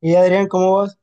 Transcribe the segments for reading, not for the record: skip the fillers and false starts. Y Adrián, ¿cómo vas?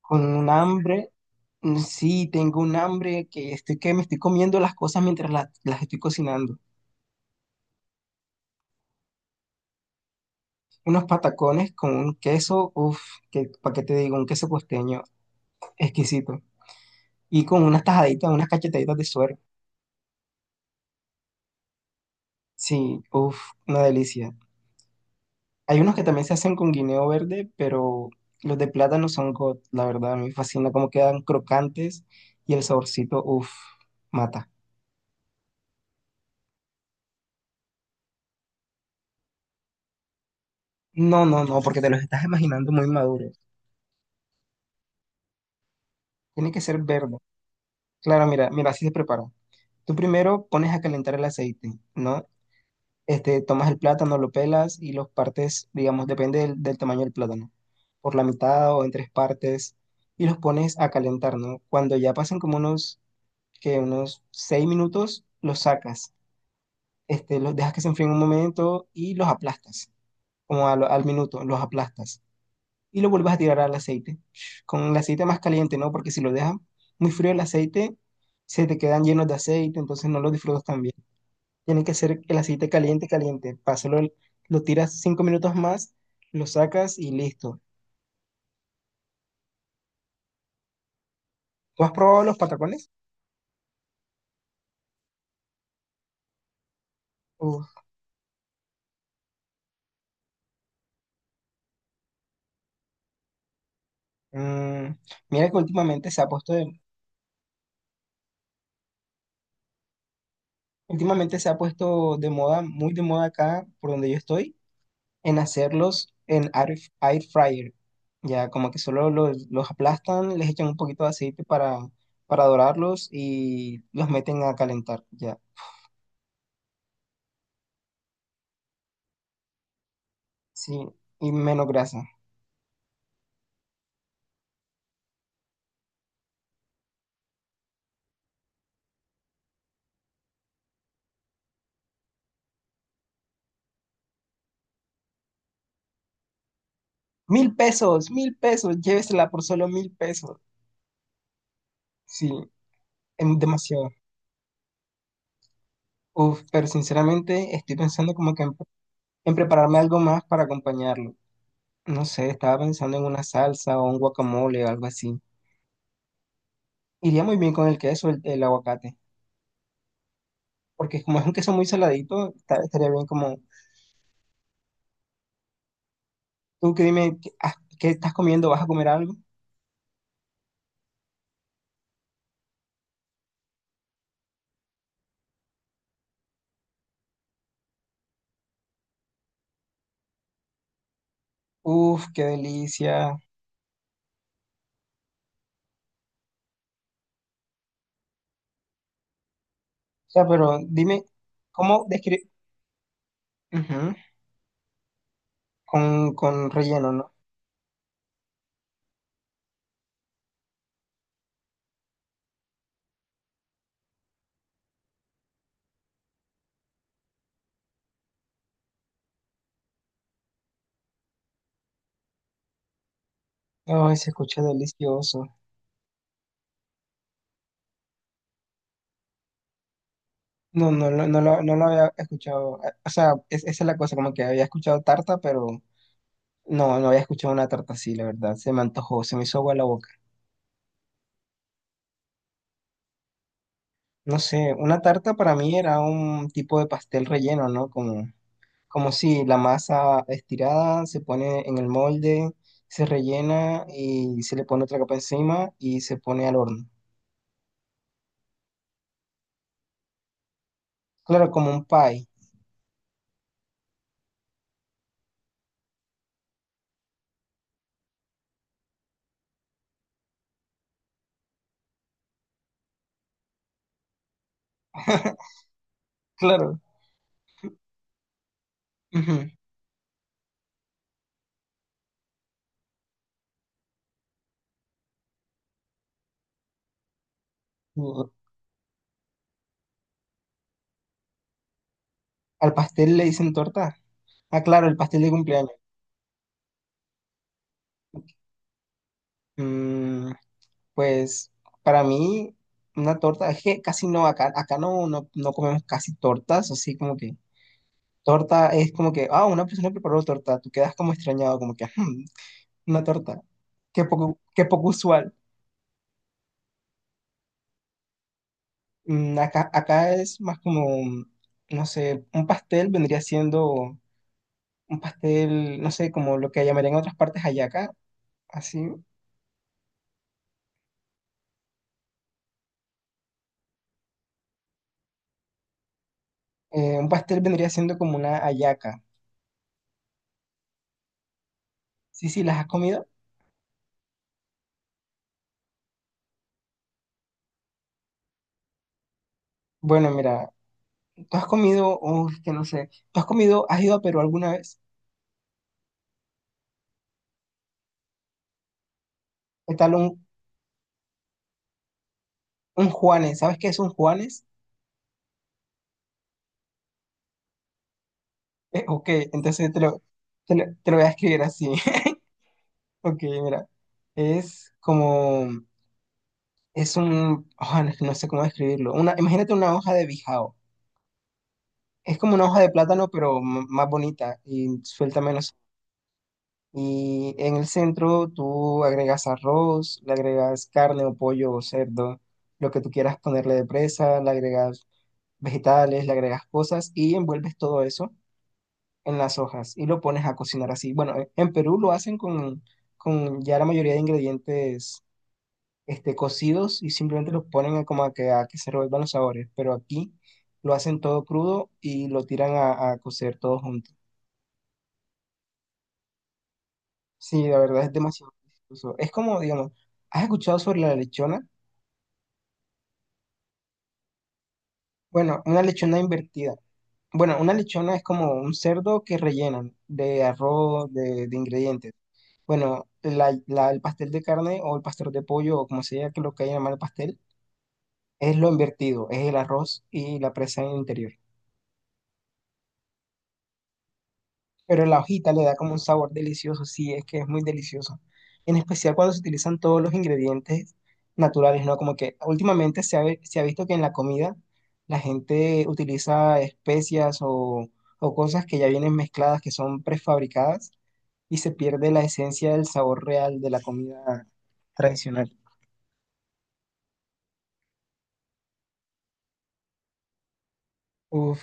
Con un hambre. Sí, tengo un hambre que estoy que me estoy comiendo las cosas mientras las estoy cocinando. Unos patacones con un queso, uff, que, ¿para qué te digo? Un queso costeño exquisito. Y con unas tajaditas, unas cachetaditas de suero. Sí, uff, una delicia. Hay unos que también se hacen con guineo verde, pero los de plátano no son god, la verdad, a mí me fascina cómo quedan crocantes y el saborcito, uff, mata. No, no, no, porque te los estás imaginando muy maduro. Tiene que ser verde. Claro, mira, mira, así se prepara. Tú primero pones a calentar el aceite, ¿no? Tomas el plátano, lo pelas y los partes, digamos, depende del tamaño del plátano, por la mitad o en tres partes, y los pones a calentar, ¿no? Cuando ya pasen como unos, Que unos seis minutos, los sacas, los dejas que se enfríen un momento y los aplastas, como a al minuto, los aplastas y lo vuelves a tirar al aceite. Con el aceite más caliente, ¿no? Porque si lo dejas muy frío el aceite, se te quedan llenos de aceite, entonces no lo disfrutas tan bien. Tiene que ser el aceite caliente, caliente. Pásalo, lo tiras cinco minutos más, lo sacas y listo. ¿Tú has probado los patacones? Uf, mm, mira que últimamente se ha puesto de moda, muy de moda acá por donde yo estoy en hacerlos en air fryer. Ya como que solo los aplastan, les echan un poquito de aceite para dorarlos y los meten a calentar. Ya, sí, y menos grasa. Mil pesos, llévesela por solo mil pesos. Sí, es demasiado. Uf, pero sinceramente estoy pensando como que en prepararme algo más para acompañarlo. No sé, estaba pensando en una salsa o un guacamole o algo así. Iría muy bien con el queso, el aguacate, porque como es un queso muy saladito, estaría bien como, tú que dime, ¿qué estás comiendo? ¿Vas a comer algo? Uf, qué delicia. O sea, pero dime, ¿cómo describir? Con relleno, ¿no? Ay, se escucha delicioso. No lo había escuchado. O sea, esa es la cosa, como que había escuchado tarta, pero no, no había escuchado una tarta así, la verdad. Se me antojó, se me hizo agua la boca. No sé, una tarta para mí era un tipo de pastel relleno, ¿no? Como si la masa estirada se pone en el molde, se rellena y se le pone otra capa encima y se pone al horno. Claro, como un pie. Claro. Ujú. Al pastel le dicen torta. Ah, claro, el pastel de cumpleaños. Mm, pues para mí, una torta, es que casi no, acá no comemos casi tortas, así como que torta es como que, ah, una persona preparó torta, tú quedas como extrañado, como que, "Hmm, una torta. Qué poco usual." Acá, acá es más como, no sé, un pastel vendría siendo un pastel, no sé, como lo que llamarían en otras partes hallaca, así. Un pastel vendría siendo como una hallaca. Sí, sí, ¿las has comido? Bueno, mira, tú has comido, uff, que no sé, tú has comido, has ido a Perú alguna vez, ¿qué tal un Juanes? ¿Sabes qué es un Juanes? Ok, entonces te lo, te lo voy a escribir así. Ok, mira, es como... Es un, ah, no, no sé cómo describirlo. Una, imagínate una hoja de bijao. Es como una hoja de plátano, pero más bonita y suelta menos. Y en el centro tú agregas arroz, le agregas carne o pollo o cerdo, lo que tú quieras ponerle de presa, le agregas vegetales, le agregas cosas y envuelves todo eso en las hojas y lo pones a cocinar así. Bueno, en Perú lo hacen con ya la mayoría de ingredientes, cocidos, y simplemente los ponen a, como a que se revuelvan los sabores, pero aquí lo hacen todo crudo y lo tiran a cocer todo junto. Sí, la verdad es demasiado delicioso. Es como, digamos, ¿has escuchado sobre la lechona? Bueno, una lechona invertida. Bueno, una lechona es como un cerdo que rellenan de arroz, de ingredientes. Bueno, el pastel de carne o el pastel de pollo o como sea que lo que haya llamar el pastel, es lo invertido, es el arroz y la presa en el interior. Pero la hojita le da como un sabor delicioso, sí, es que es muy delicioso. En especial cuando se utilizan todos los ingredientes naturales, ¿no? Como que últimamente se se ha visto que en la comida la gente utiliza especias o cosas que ya vienen mezcladas, que son prefabricadas, y se pierde la esencia del sabor real de la comida tradicional. Uf,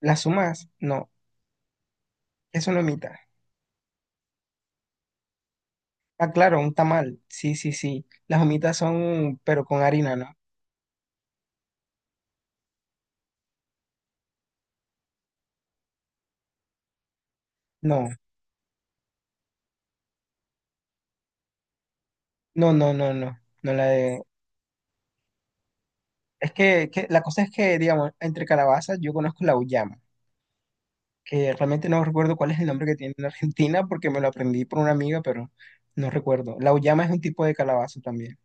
las humas, no, es una humita. Ah, claro, un tamal, sí, sí, sí. Las humitas son, pero con harina, ¿no? No. No, no, no, no, no la de... Es que la cosa es que, digamos, entre calabazas yo conozco la uyama, que realmente no recuerdo cuál es el nombre que tiene en Argentina porque me lo aprendí por una amiga, pero no recuerdo. La uyama es un tipo de calabaza también.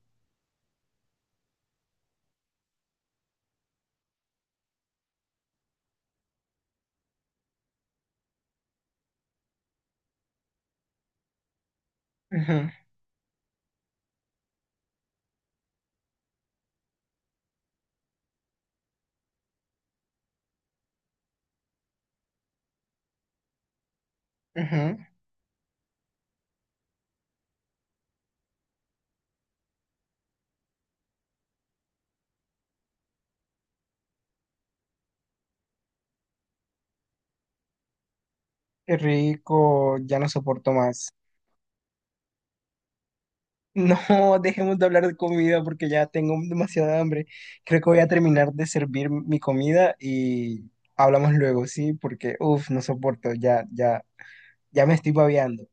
Ujú, ujú. Qué rico, ya no soporto más. No, dejemos de hablar de comida porque ya tengo demasiada hambre. Creo que voy a terminar de servir mi comida y hablamos luego, ¿sí? Porque, uff, no soporto, ya, ya, ya me estoy babeando.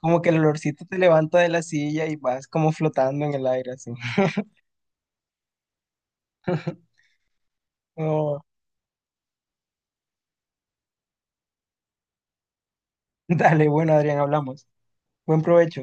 Como que el olorcito te levanta de la silla y vas como flotando en el aire así. No, dale, bueno, Adrián, hablamos. Buen provecho.